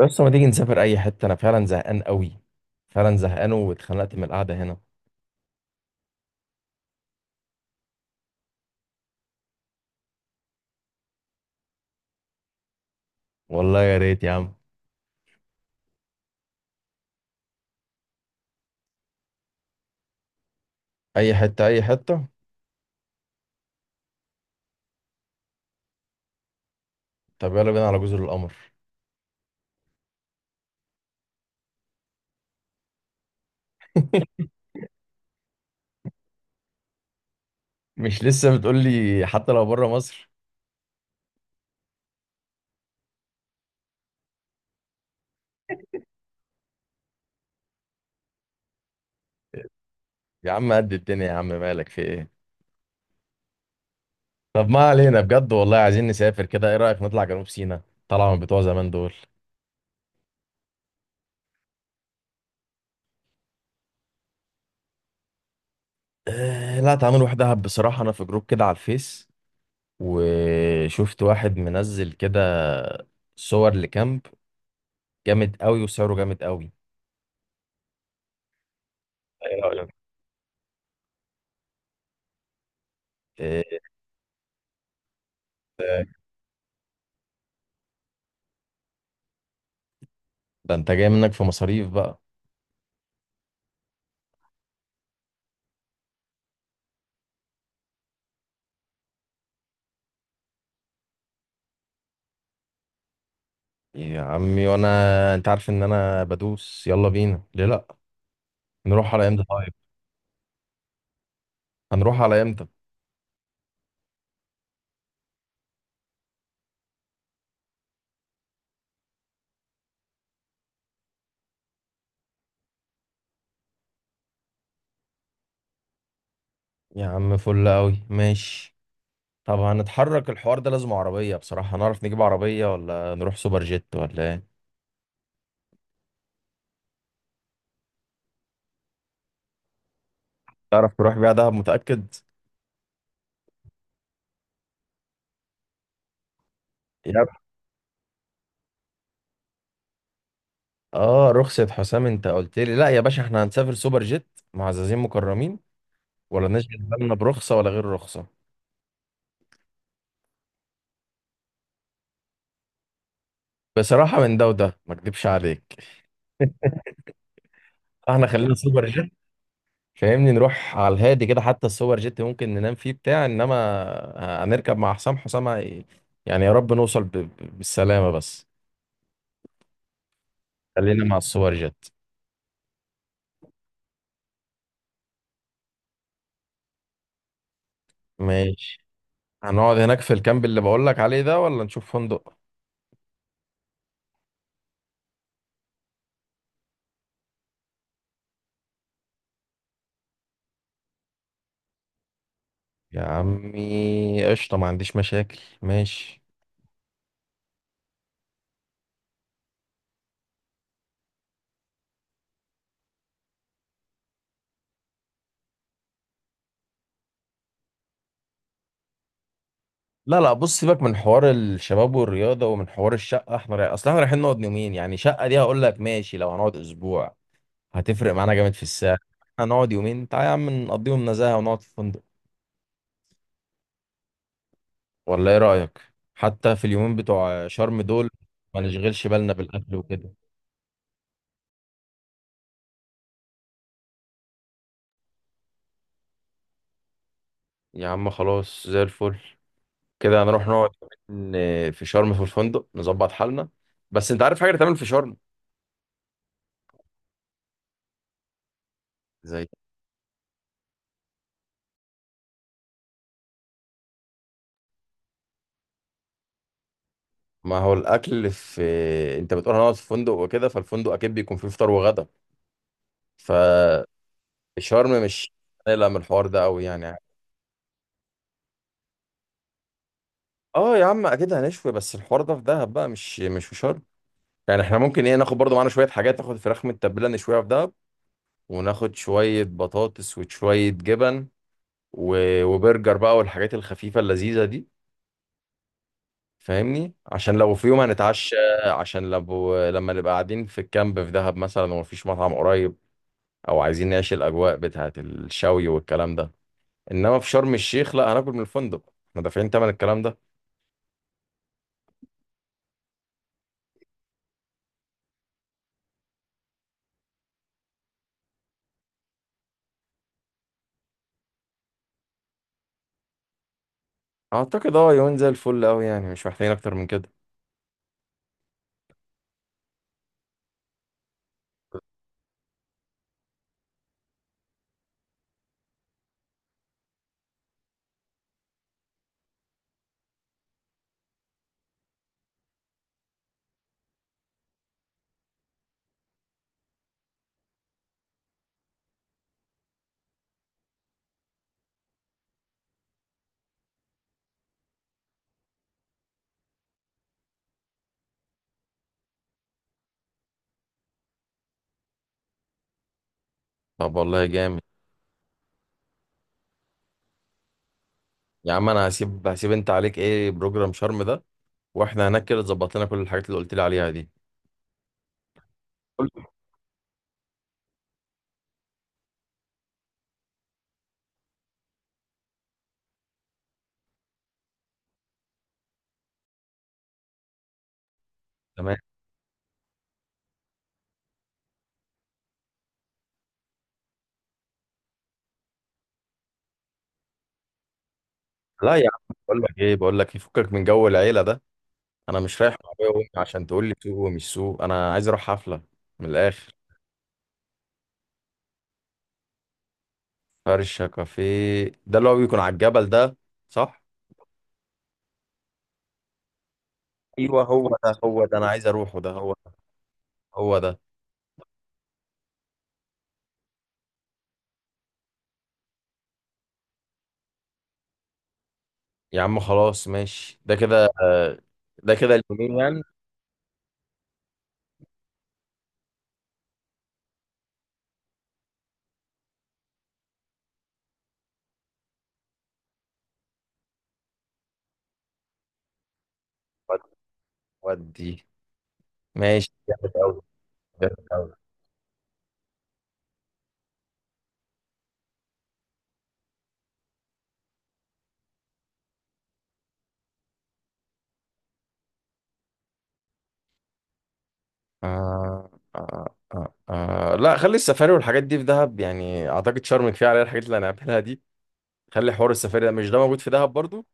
بس ما تيجي نسافر اي حته، انا فعلا زهقان قوي. فعلا زهقان واتخنقت من القعده هنا. والله يا ريت يا عم. اي حته اي حته. طب يلا بينا على جزر القمر. مش لسه بتقول لي حتى لو بره مصر؟ يا عم قد الدنيا، يا عم مالك في ايه؟ طب ما علينا، بجد والله عايزين نسافر كده. ايه رايك نطلع جنوب سيناء؟ طالعه من بتوع زمان دول. أه لا، تعالوا نروح دهب. بصراحه انا في جروب كده على الفيس، وشفت واحد منزل كده صور لكامب جامد قوي، وسعره جامد قوي. ايه رايك؟ ده انت جاي منك في مصاريف بقى. يا عمي وانا، انت عارف ان انا بدوس. يلا بينا، ليه لا. نروح على امتى طيب؟ هنروح على امتى؟ يا عم فل قوي، ماشي. طب هنتحرك الحوار ده لازم عربية بصراحة. هنعرف نجيب عربية ولا نروح سوبر جيت ولا ايه؟ تعرف تروح بيها دهب؟ متأكد؟ يب. اه رخصة حسام؟ انت قلت لي لا يا باشا، احنا هنسافر سوبر جيت معززين مكرمين، ولا نشغل بالنا برخصة ولا غير رخصة. بصراحة من ده وده، ما اكدبش عليك. احنا خلينا سوبر جيت. فاهمني نروح على الهادي كده، حتى السوبر جيت ممكن ننام فيه بتاع انما هنركب مع حسام، حسام يعني يا رب نوصل بالسلامة بس. خلينا مع السوبر جيت. ماشي. هنقعد هناك في الكامب اللي بقول لك عليه ده، ولا نشوف فندق؟ يا عمي قشطة، ما عنديش مشاكل، ماشي. لا لا، بص سيبك من حوار الشباب والرياضة ومن حوار الشقة. احنا رايح، اصل احنا رايحين نقعد يومين، يعني شقة دي هقول لك ماشي لو هنقعد اسبوع، هتفرق معانا جامد في السعر. احنا هنقعد يومين، تعالى يا عم نقضيهم نزاهة ونقعد في فندق. ولا ايه رأيك؟ حتى في اليومين بتوع شرم دول ما نشغلش بالنا بالأكل وكده. يا عم خلاص زي الفل، كده هنروح نقعد في شرم في الفندق، نظبط حالنا. بس انت عارف حاجة تعمل في شرم؟ زي؟ ما هو الأكل، في انت بتقول هنقعد في فندق وكده، فالفندق أكيد بيكون فيه فطار وغدا. فشرم، مش هنقلق من الحوار ده قوي يعني. اه يا عم اكيد هنشوي، بس الحوار ده في دهب بقى، مش في شرم. يعني احنا ممكن ايه، ناخد برضو معانا شوية حاجات، ناخد فراخ متبلة نشويها في دهب، وناخد شوية بطاطس وشوية جبن وبرجر بقى والحاجات الخفيفة اللذيذة دي. فاهمني، عشان لو في يوم هنتعشى، عشان لو لما نبقى قاعدين في الكامب في دهب مثلا ومفيش مطعم قريب، او عايزين نعيش الاجواء بتاعة الشوي والكلام ده. انما في شرم الشيخ لا، هناكل من الفندق، احنا دافعين تمن الكلام ده. اعتقد اه، يومين زي الفل قوي يعني، مش محتاجين اكتر من كده. طب والله جامد. يا عم انا هسيب انت عليك ايه بروجرام شرم ده، واحنا هناك كده تظبط لنا كل الحاجات اللي قلت لي عليها دي. قلت تمام. لا يا عم بقول لك ايه، بقول لك يفكك من جو العيله ده. انا مش رايح مع ابويا وامي عشان تقول لي سوق ومش سوق، انا عايز اروح حفله. من الاخر. فرشه كافيه ده اللي هو بيكون على الجبل ده، صح؟ ايوه هو ده هو ده، انا عايز اروحه ده، هو ده، هو ده. يا عم خلاص ماشي، ده كده ده كده اليومين يعني. ود- ودي ماشي، جامد قوي. جامد قوي. آه آه. لا خلي السفاري والحاجات دي في دهب، يعني اعتقد شرم كفايه عليها الحاجات اللي هنعملها دي. خلي حوار السفاري ده، مش ده موجود في دهب برضو؟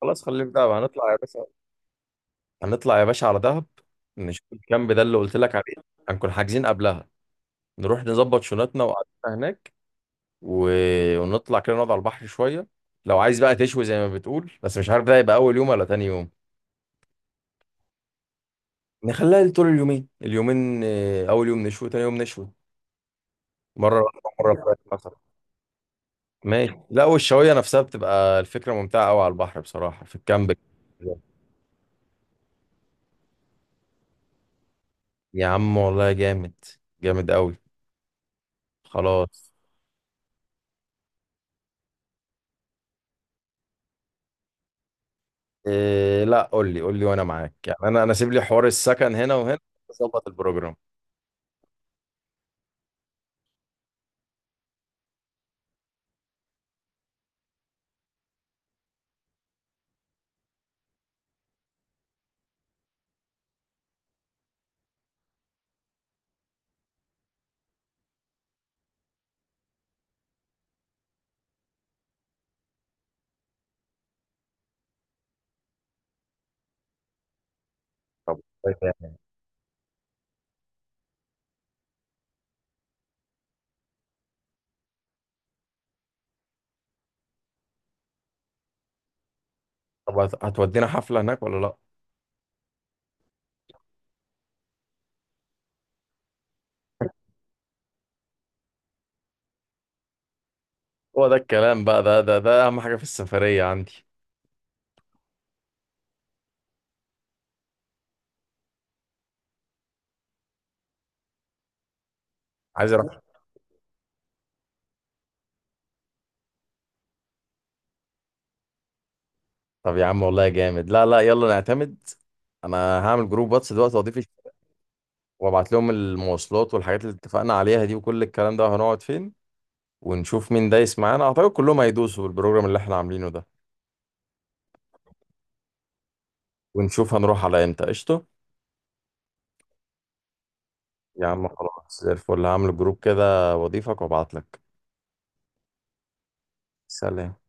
خلاص خليه في دهب. هنطلع يا باشا، هنطلع يا باشا على دهب. نشوف الكامب ده اللي قلت لك عليه، هنكون حاجزين قبلها. نروح نظبط شنطنا وقعدتنا هناك و... ونطلع كده نقعد على البحر شوية. لو عايز بقى تشوي زي ما بتقول، بس مش عارف ده يبقى أول يوم ولا تاني يوم. نخليها طول اليومين، اليومين آه، أول يوم نشوي تاني يوم نشوي، مرة راحة مرة فراخ مثلا. ماشي، لا والشواية نفسها بتبقى الفكرة ممتعة أوي على البحر بصراحة في الكامب. يا عم والله جامد، جامد أوي. خلاص. إيه؟ لا قول لي قول لي، وانا معاك يعني. انا انا سيب لي حوار السكن هنا وهنا، اظبط البروجرام. طب كويس يعني. طب هتودينا حفلة هناك ولا لا؟ هو ده الكلام بقى، ده ده ده اهم حاجة في السفرية عندي. عايز اروح. طب يا عم والله جامد، لا لا يلا نعتمد. انا هعمل جروب واتس دلوقتي واضيف وابعت لهم المواصلات والحاجات اللي اتفقنا عليها دي وكل الكلام ده، وهنقعد فين، ونشوف مين دايس معانا. اعتقد كلهم هيدوسوا بالبروجرام اللي احنا عاملينه ده، ونشوف هنروح على امتى. قشطة. يا عم خلاص زي الفل، هعمل جروب كده واضيفك وابعتلك. سلام.